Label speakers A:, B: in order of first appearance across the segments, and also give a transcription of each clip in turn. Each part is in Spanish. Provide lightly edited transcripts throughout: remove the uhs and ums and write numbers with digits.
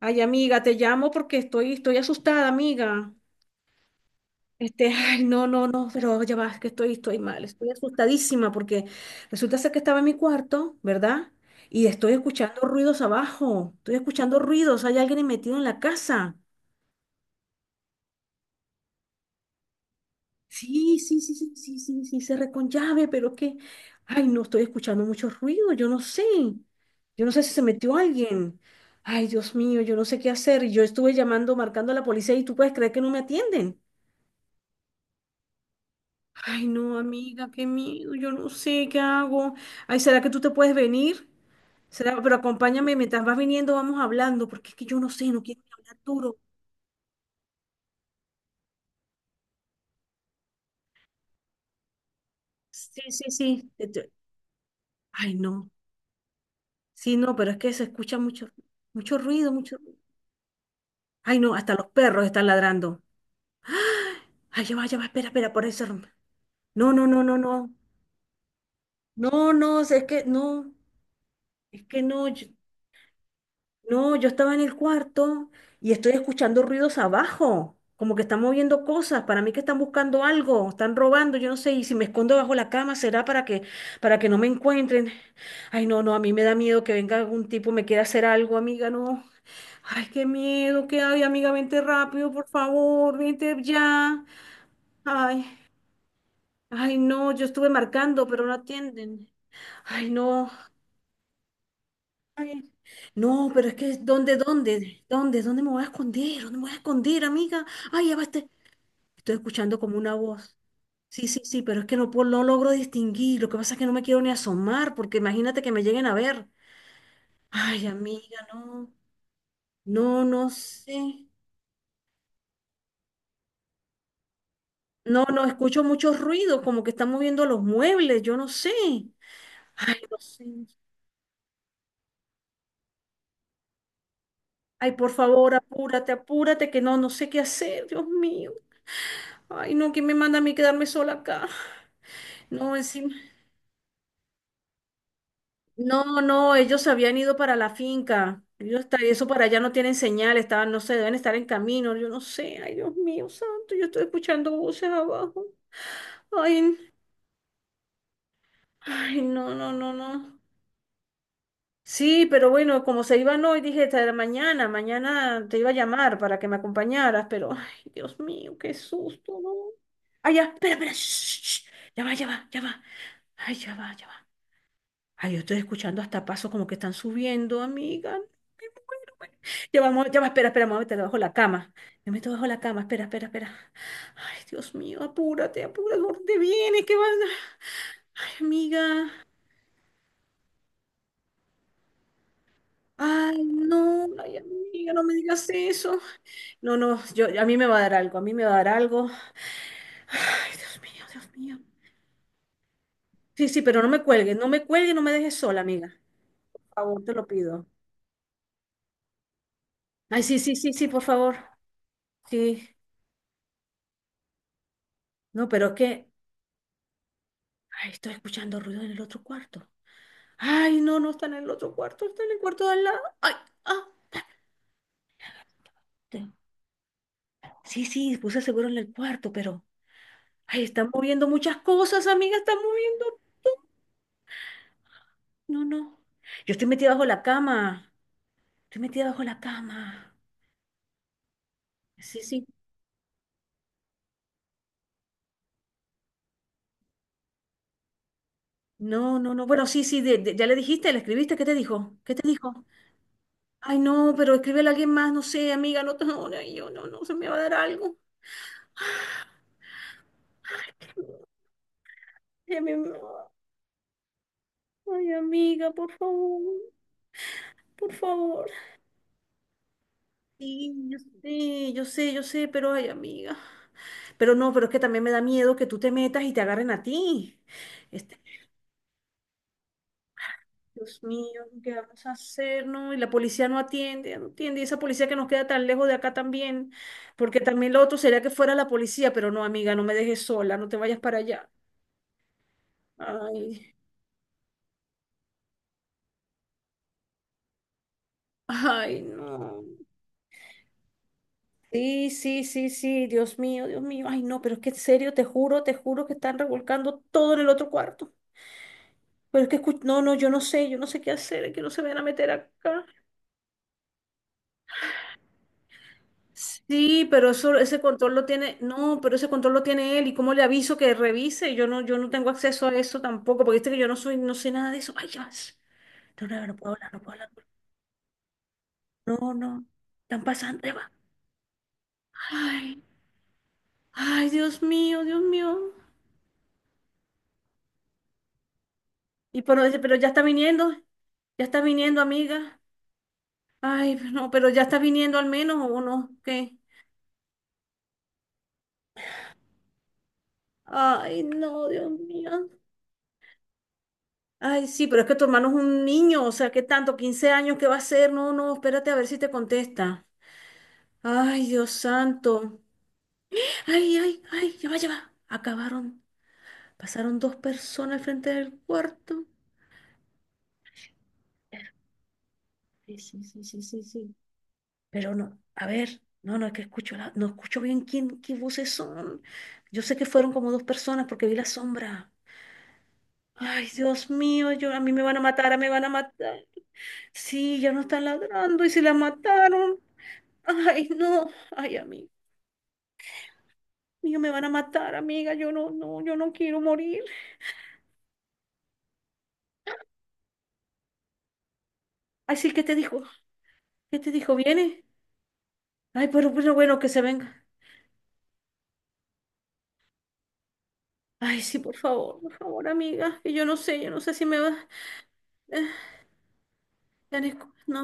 A: Ay, amiga, te llamo porque estoy asustada, amiga. Ay, no, no, no, pero ya va, es que estoy mal, estoy asustadísima porque resulta ser que estaba en mi cuarto, ¿verdad? Y estoy escuchando ruidos abajo, estoy escuchando ruidos, hay alguien metido en la casa. Sí, sí, sí, sí, sí, sí, sí, cerré con llave, pero es que, ay, no, estoy escuchando muchos ruidos, yo no sé si se metió alguien. Ay, Dios mío, yo no sé qué hacer. Yo estuve llamando, marcando a la policía y tú puedes creer que no me atienden. Ay, no, amiga, qué miedo, yo no sé qué hago. Ay, ¿será que tú te puedes venir? ¿Será? Pero acompáñame, mientras vas viniendo vamos hablando, porque es que yo no sé, no quiero hablar duro. Sí, sí, sí. Ay, no. Sí, no, pero es que se escucha mucho, mucho ruido, mucho ruido. Ay, no, hasta los perros están ladrando. Ay, ya va, espera, espera, por eso. No, no, no, no, no. No, no, es que no, es que no. No, yo estaba en el cuarto y estoy escuchando ruidos abajo, como que están moviendo cosas, para mí que están buscando algo, están robando, yo no sé, y si me escondo bajo la cama será para que no me encuentren. Ay, no, no, a mí me da miedo que venga algún tipo me quiera hacer algo, amiga, no. Ay, qué miedo, qué hay, amiga, vente rápido, por favor, vente ya. Ay, ay, no, yo estuve marcando, pero no atienden. Ay, no. Ay, no, pero es que ¿dónde, dónde, dónde, dónde me voy a esconder? ¿Dónde me voy a esconder, amiga? Ay, ya va estoy escuchando como una voz. Sí, sí, sí, pero es que no, no logro distinguir. Lo que pasa es que no me quiero ni asomar, porque imagínate que me lleguen a ver. Ay, amiga, no, no, no sé. No, no, escucho mucho ruido, como que están moviendo los muebles, yo no sé. Ay, no sé. Ay, por favor, apúrate, apúrate, que no, no sé qué hacer, Dios mío. Ay, no, ¿quién me manda a mí quedarme sola acá? No, encima- no, no, ellos se habían ido para la finca. Ellos está, eso para allá no tienen señal, estaban, no sé, deben estar en camino, yo no sé, ay Dios mío, santo, yo estoy escuchando voces abajo. Ay, ay, no, no, no, no. Sí, pero bueno, como se iban hoy, dije, "Esta era mañana, mañana te iba a llamar para que me acompañaras", pero, ay, Dios mío, qué susto, ¿no? Ay, ya, espera, espera, shh, shh, shh, ya va, ya va, ya va. Ay, ya va, ya va. Ay, yo estoy escuchando hasta pasos como que están subiendo, amiga. Me muero, ya vamos, ya va, espera, espera, me voy a meter debajo de la cama. Me meto debajo de la cama, espera, espera, espera. Ay, Dios mío, apúrate, apúrate, ¿dónde vienes? ¿Qué vas? Ay, amiga. Ay, no, ay, amiga, no me digas eso. No, no, yo, a mí me va a dar algo, a mí me va a dar algo. Ay, Dios mío, Dios mío. Sí, sí, pero no me cuelgues, no me cuelgues, no me dejes sola, amiga. Por favor, te lo pido. Ay, sí, sí, sí, sí, por favor. Sí. No, pero es que ay, estoy escuchando ruido en el otro cuarto. Ay, no, no está en el otro cuarto, está en el cuarto de al lado. Ay, ah. te- Sí, sí, puse seguro en el cuarto, pero. Ay, están moviendo muchas cosas, amiga, están moviendo. No, no. Yo estoy metida bajo la cama. Estoy metida bajo la cama. Sí, sí. No, no, no. Bueno, sí, sí, ya le dijiste, le escribiste, ¿qué te dijo? ¿Qué te dijo? Ay, no, pero escríbele a alguien más, no sé, amiga, no, no, no, yo no, no, se me va a dar algo. Ay, qué me- ay, amiga, por favor, por favor. Sí, yo sé, yo sé, yo sé, pero ay, amiga. Pero no, pero es que también me da miedo que tú te metas y te agarren a ti. Este, Dios mío, ¿qué vamos a hacer? No, y la policía no atiende, no atiende. Y esa policía que nos queda tan lejos de acá también. Porque también lo otro sería que fuera la policía, pero no, amiga, no me dejes sola, no te vayas para allá. Ay, ay, no. Sí, sí, sí, sí, Dios mío, Dios mío. Ay, no, pero es que en serio, te juro que están revolcando todo en el otro cuarto. Pero es que, no, no, yo no sé qué hacer, es que no se vayan a meter acá. Sí, pero eso, ese control lo tiene, no, pero ese control lo tiene él. ¿Y cómo le aviso que revise? Yo no, yo no tengo acceso a eso tampoco, porque viste que yo no soy, no sé nada de eso. Ay, ya. No, no, no puedo hablar, no puedo hablar. No, no. Están pasando, ya va. Ay, ay, Dios mío, Dios mío. Y pero ya está viniendo, amiga. Ay, no, pero ya está viniendo al menos, ¿o no? ¿Qué? Ay, no, Dios mío. Ay, sí, pero es que tu hermano es un niño, o sea, ¿qué tanto? ¿15 años? ¿Qué va a hacer? No, no, espérate a ver si te contesta. Ay, Dios santo. Ay, ay, ay, ya va, ya va. Acabaron. Pasaron dos personas al frente del cuarto. Sí, sí, sí, sí, sí, sí. Pero no, a ver, no, no, es que escucho, no escucho bien quién, qué voces son. Yo sé que fueron como dos personas porque vi la sombra. Ay, Dios mío, yo, a mí me van a matar, a mí me van a matar. Sí, ya no están ladrando y si la mataron. Ay, no, ay, amigo, mío, me van a matar, amiga, yo no, no, yo no quiero morir. Ay, sí, ¿qué te dijo? ¿Qué te dijo? ¿Viene? Ay, pero bueno, que se venga. Ay, sí, por favor, amiga, que yo no sé si me va. eh, ya ni no.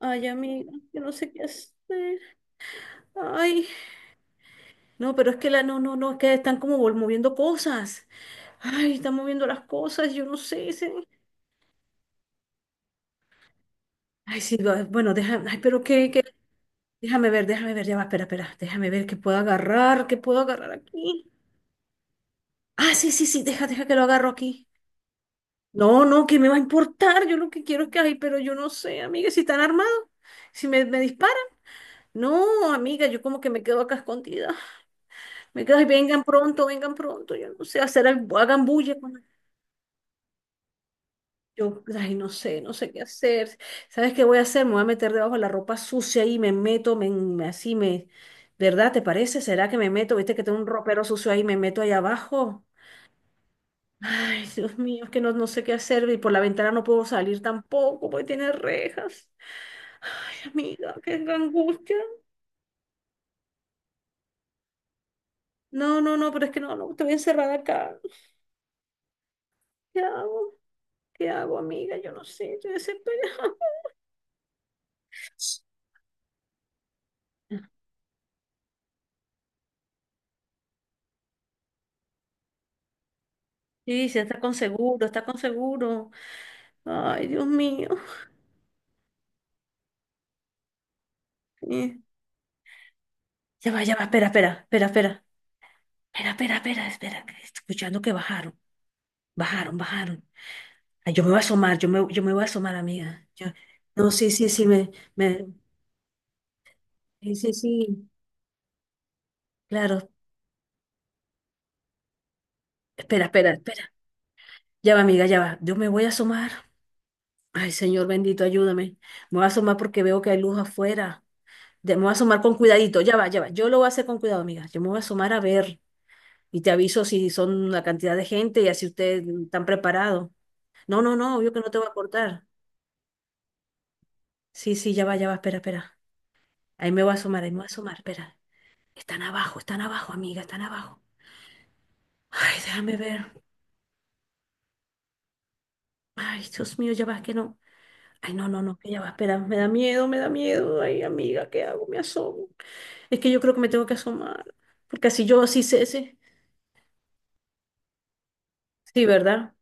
A: Ay, amiga, yo no sé qué hacer. Ay, no, pero es que la, no, no, no, es que están como moviendo cosas. Ay, están moviendo las cosas, yo no sé, sí. Ay, sí, bueno, déjame, ay, pero qué, qué, déjame ver, ya va, espera, espera, déjame ver qué puedo agarrar aquí. Ah, sí, sí, sí, deja, deja que lo agarro aquí. No, no, ¿qué me va a importar? Yo lo que quiero es que, ay, pero yo no sé, amiga, si están armados, si me disparan. No, amiga, yo como que me quedo acá escondida. Me quedo, ay, vengan pronto, yo no sé, hacer, hagan bulla. Yo, ay, no sé, no sé qué hacer. ¿Sabes qué voy a hacer? Me voy a meter debajo de la ropa sucia y me meto, así me, ¿verdad? ¿Te parece? ¿Será que me meto? ¿Viste que tengo un ropero sucio ahí y me meto ahí abajo? Ay, Dios mío, es que no, no sé qué hacer y por la ventana no puedo salir tampoco porque tiene rejas. Ay, amiga, qué angustia. No, no, no, pero es que no, no, estoy encerrada acá. ¿Qué hago? ¿Qué hago, amiga? Yo no sé, estoy desesperada. Sí, sí, está con seguro, está con seguro. Ay, Dios mío. Eh, ya va, espera, espera, espera, espera, espera, espera, espera, espera, que estoy escuchando que bajaron, bajaron, bajaron. Ay, yo me voy a asomar, yo me voy a asomar, amiga. No, sí, sí, sí, me, sí, sí, sí, claro. Espera, espera, espera. Ya va, amiga, ya va. Yo me voy a asomar. Ay, Señor bendito, ayúdame. Me voy a asomar porque veo que hay luz afuera. Me voy a asomar con cuidadito. Ya va, ya va. Yo lo voy a hacer con cuidado, amiga. Yo me voy a asomar a ver y te aviso si son la cantidad de gente y así ustedes están preparados. No, no, no, obvio que no te voy a cortar. Sí, sí, ya va, espera, espera. Ahí me voy a asomar, ahí me voy a asomar, espera. Están abajo, amiga, están abajo. Ay, déjame ver. Ay, Dios mío, ya va, que no. Ay, no, no, no, que ya va, espera, me da miedo, me da miedo. Ay, amiga, ¿qué hago? Me asomo. Es que yo creo que me tengo que asomar, porque así yo sí sé, sí, sí, ¿verdad?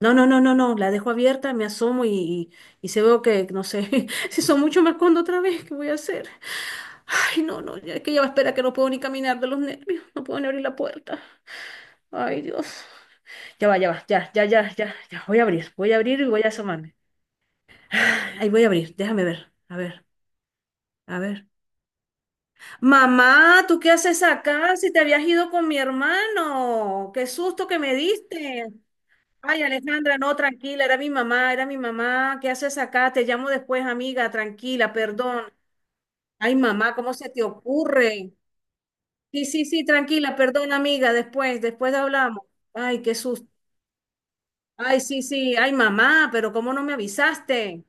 A: No, no, no, no, no, la dejo abierta, me asomo y se veo que, no sé, si son mucho me escondo otra vez, ¿qué voy a hacer? Ay, no, no, es que ya va, espera, que no puedo ni caminar de los nervios, no puedo ni abrir la puerta. Ay, Dios. Ya va, ya va, ya, ya, ya, ya, ya. Voy a abrir y voy a asomarme. Ahí voy a abrir, déjame ver, a ver, a ver. Mamá, ¿tú qué haces acá? Si te habías ido con mi hermano. Qué susto que me diste. Ay, Alejandra, no, tranquila, era mi mamá, era mi mamá. ¿Qué haces acá? Te llamo después, amiga, tranquila, perdón. Ay, mamá, ¿cómo se te ocurre? Sí, sí, sí, tranquila, perdón, amiga, después, después hablamos. Ay, qué susto. Ay, sí, sí, ay, mamá, pero ¿cómo no me avisaste?